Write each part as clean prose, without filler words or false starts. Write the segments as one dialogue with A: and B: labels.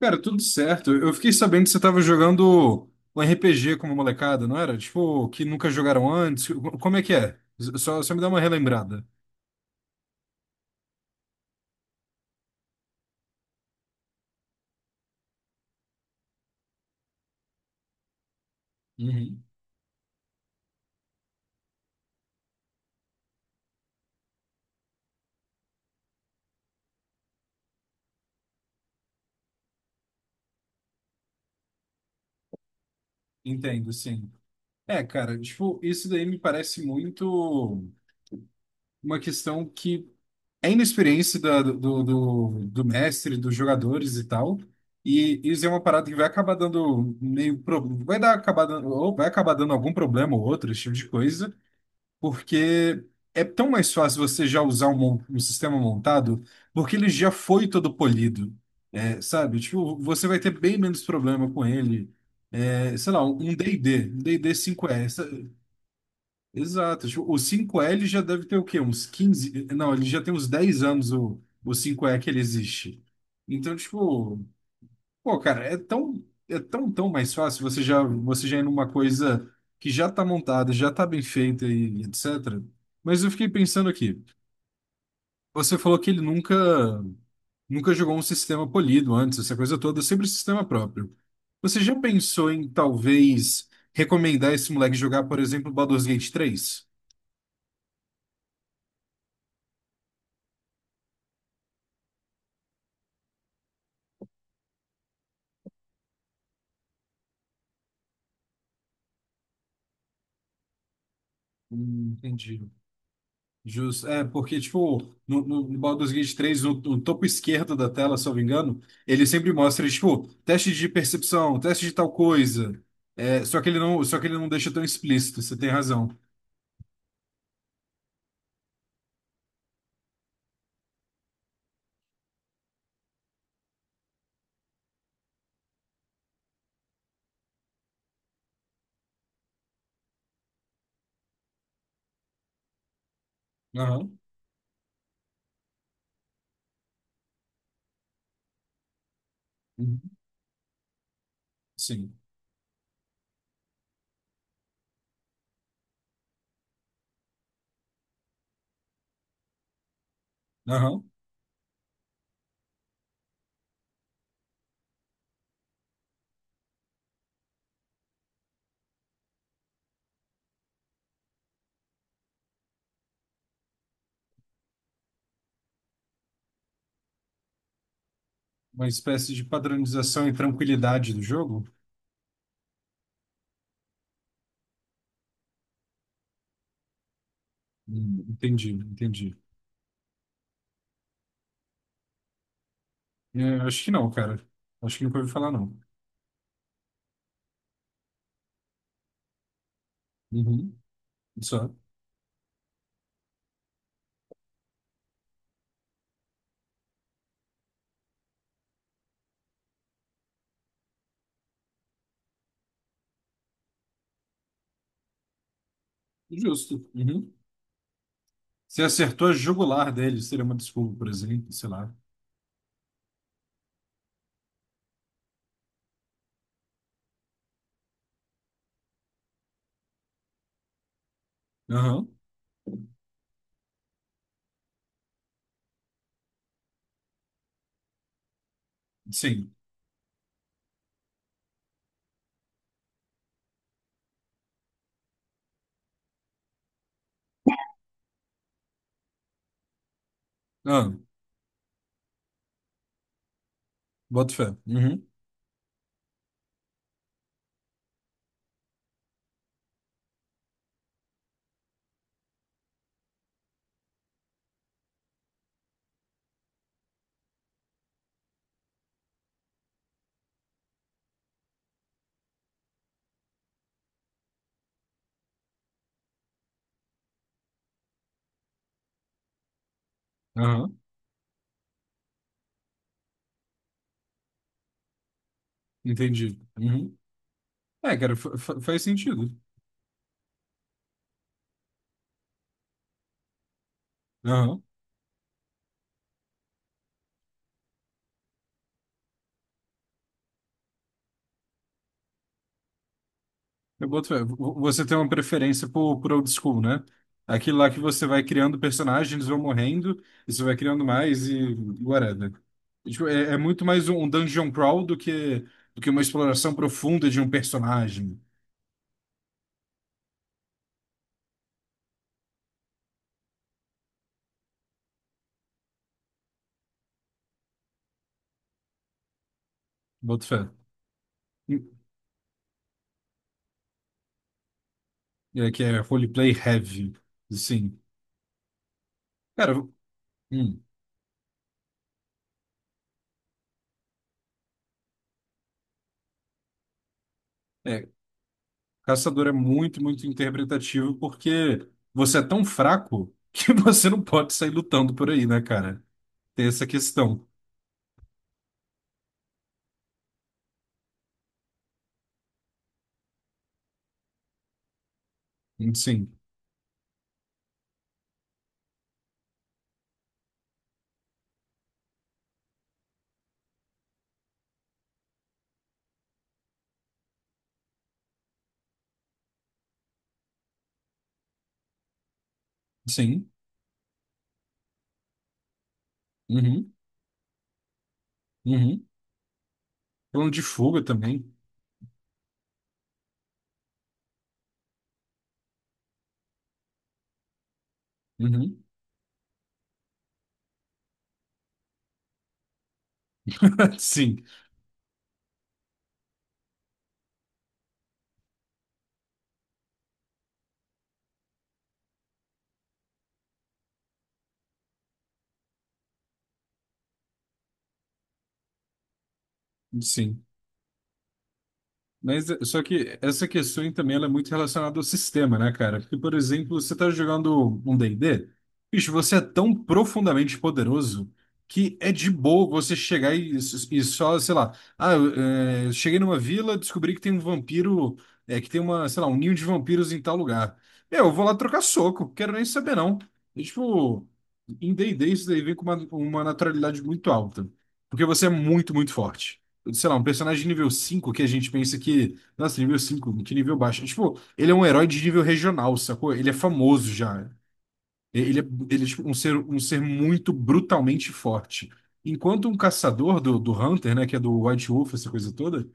A: Cara, tudo certo. Eu fiquei sabendo que você tava jogando um RPG como molecada, não era? Tipo, que nunca jogaram antes. Como é que é? Só me dá uma relembrada. Uhum. Entendo, sim. É, cara, tipo, isso daí me parece muito uma questão que é inexperiência do mestre, dos jogadores e tal. E isso é uma parada que vai acabar dando meio pro, vai dar acabar dando, ou vai acabar dando algum problema ou outro, esse tipo de coisa. Porque é tão mais fácil você já usar um sistema montado, porque ele já foi todo polido, sabe? Tipo, você vai ter bem menos problema com ele. É, sei lá, um D&D 5E. Exato. Tipo, o 5E ele já deve ter o quê? Uns 15. Não, ele já tem uns 10 anos o cinco e que ele existe. Então, tipo. Pô, cara, tão mais fácil você já ir numa coisa que já tá montada, já tá bem feita e etc. Mas eu fiquei pensando aqui. Você falou que ele nunca jogou um sistema polido antes, essa coisa toda, sempre sistema próprio. Você já pensou em talvez recomendar esse moleque jogar, por exemplo, Baldur's Gate 3. Entendi. Justo. É, porque, tipo, no Baldur's Gate 3, no topo esquerdo da tela, se eu não me engano, ele sempre mostra, tipo, teste de percepção, teste de tal coisa. É, só que ele não deixa tão explícito, você tem razão. Aham. Uhum. Sim. Aham. Uma espécie de padronização e tranquilidade do jogo? Entendi, entendi. É, acho que não, cara. Acho que nunca ouvi falar, não. Uhum. Só. Justo. Uhum. Você acertou a jugular dele, seria uma desculpa, por exemplo, sei lá. Aham. Sim. Ah, boto fé. Uhum. Aham. Entendi. Uhum. É, cara, faz sentido. Aham. Eu boto fé. Você tem uma preferência por old school, né? Aquilo lá que você vai criando personagens, eles vão morrendo, e você vai criando mais e whatever. E, tipo, é muito mais um dungeon crawl do que uma exploração profunda de um personagem. Boto fé. É, que é roleplay heavy. Sim. Cara, hum. é, Caçador é muito, muito interpretativo porque você é tão fraco que você não pode sair lutando por aí, né, cara? Tem essa questão. Sim, sim. Uhum, uhum. Plano de fuga também. Uhum. Sim, sim. Mas só que essa questão aí também ela é muito relacionada ao sistema, né, cara? Porque, por exemplo, você tá jogando um D&D, bicho, você é tão profundamente poderoso que é de boa você chegar e só, sei lá, ah, eu, cheguei numa vila, descobri que tem um vampiro, é, que tem uma, sei lá, um ninho de vampiros em tal lugar. Meu, eu vou lá trocar soco, quero nem saber não. E, tipo, em D&D isso daí vem com uma naturalidade muito alta, porque você é muito, muito forte. Sei lá, um personagem de nível 5 que a gente pensa que, nossa, nível 5, que nível baixo. Tipo, ele é um herói de nível regional, sacou? Ele é famoso já. Ele é, ele é tipo, um ser muito brutalmente forte. Enquanto um caçador do Hunter, né, que é do White Wolf, essa coisa toda.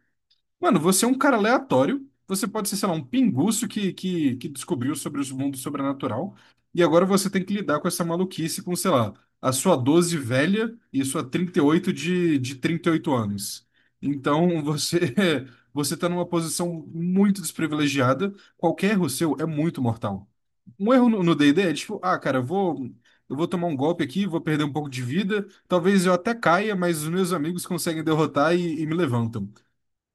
A: Mano, você é um cara aleatório. Você pode ser, sei lá, um pinguço que descobriu sobre os mundos sobrenatural. E agora você tem que lidar com essa maluquice com, sei lá, a sua 12 velha e sua 38 de 38 anos. Então você você tá numa posição muito desprivilegiada. Qualquer erro seu é muito mortal. Um erro no D&D é tipo, ah, cara, eu vou tomar um golpe aqui, vou perder um pouco de vida. Talvez eu até caia, mas os meus amigos conseguem derrotar e me levantam.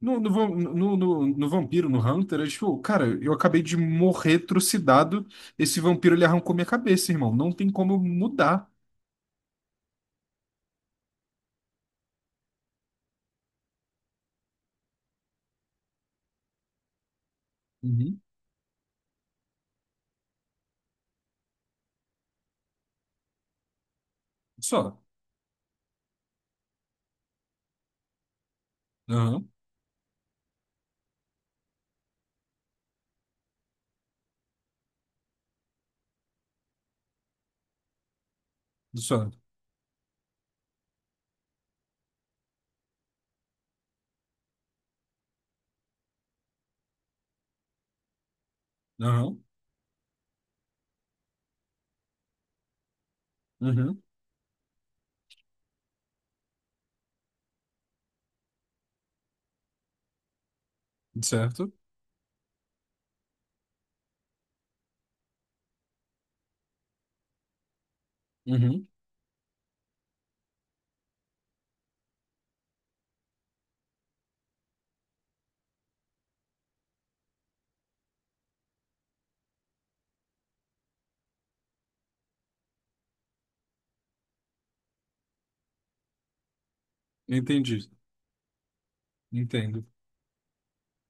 A: No vampiro, no Hunter, é tipo, cara, eu acabei de morrer trucidado. Esse vampiro ele arrancou minha cabeça, irmão. Não tem como eu mudar. Uhum. Só. Aham. Só. Aham. Uhum. Certo? Uhum. Entendi. Entendo.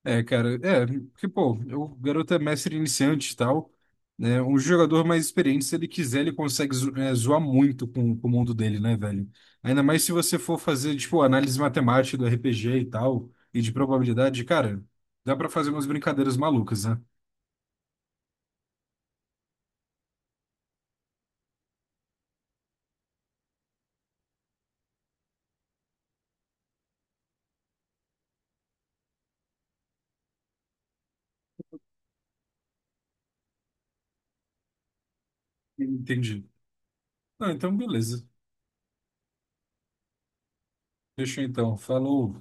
A: É, cara, porque, pô, o garoto é mestre iniciante e tal, né? Um jogador mais experiente, se ele quiser, ele consegue zoar muito com o mundo dele, né, velho? Ainda mais se você for fazer, tipo, análise matemática do RPG e tal, e de probabilidade, cara, dá pra fazer umas brincadeiras malucas, né? Entendi. Ah, então beleza. Fechou então. Falou.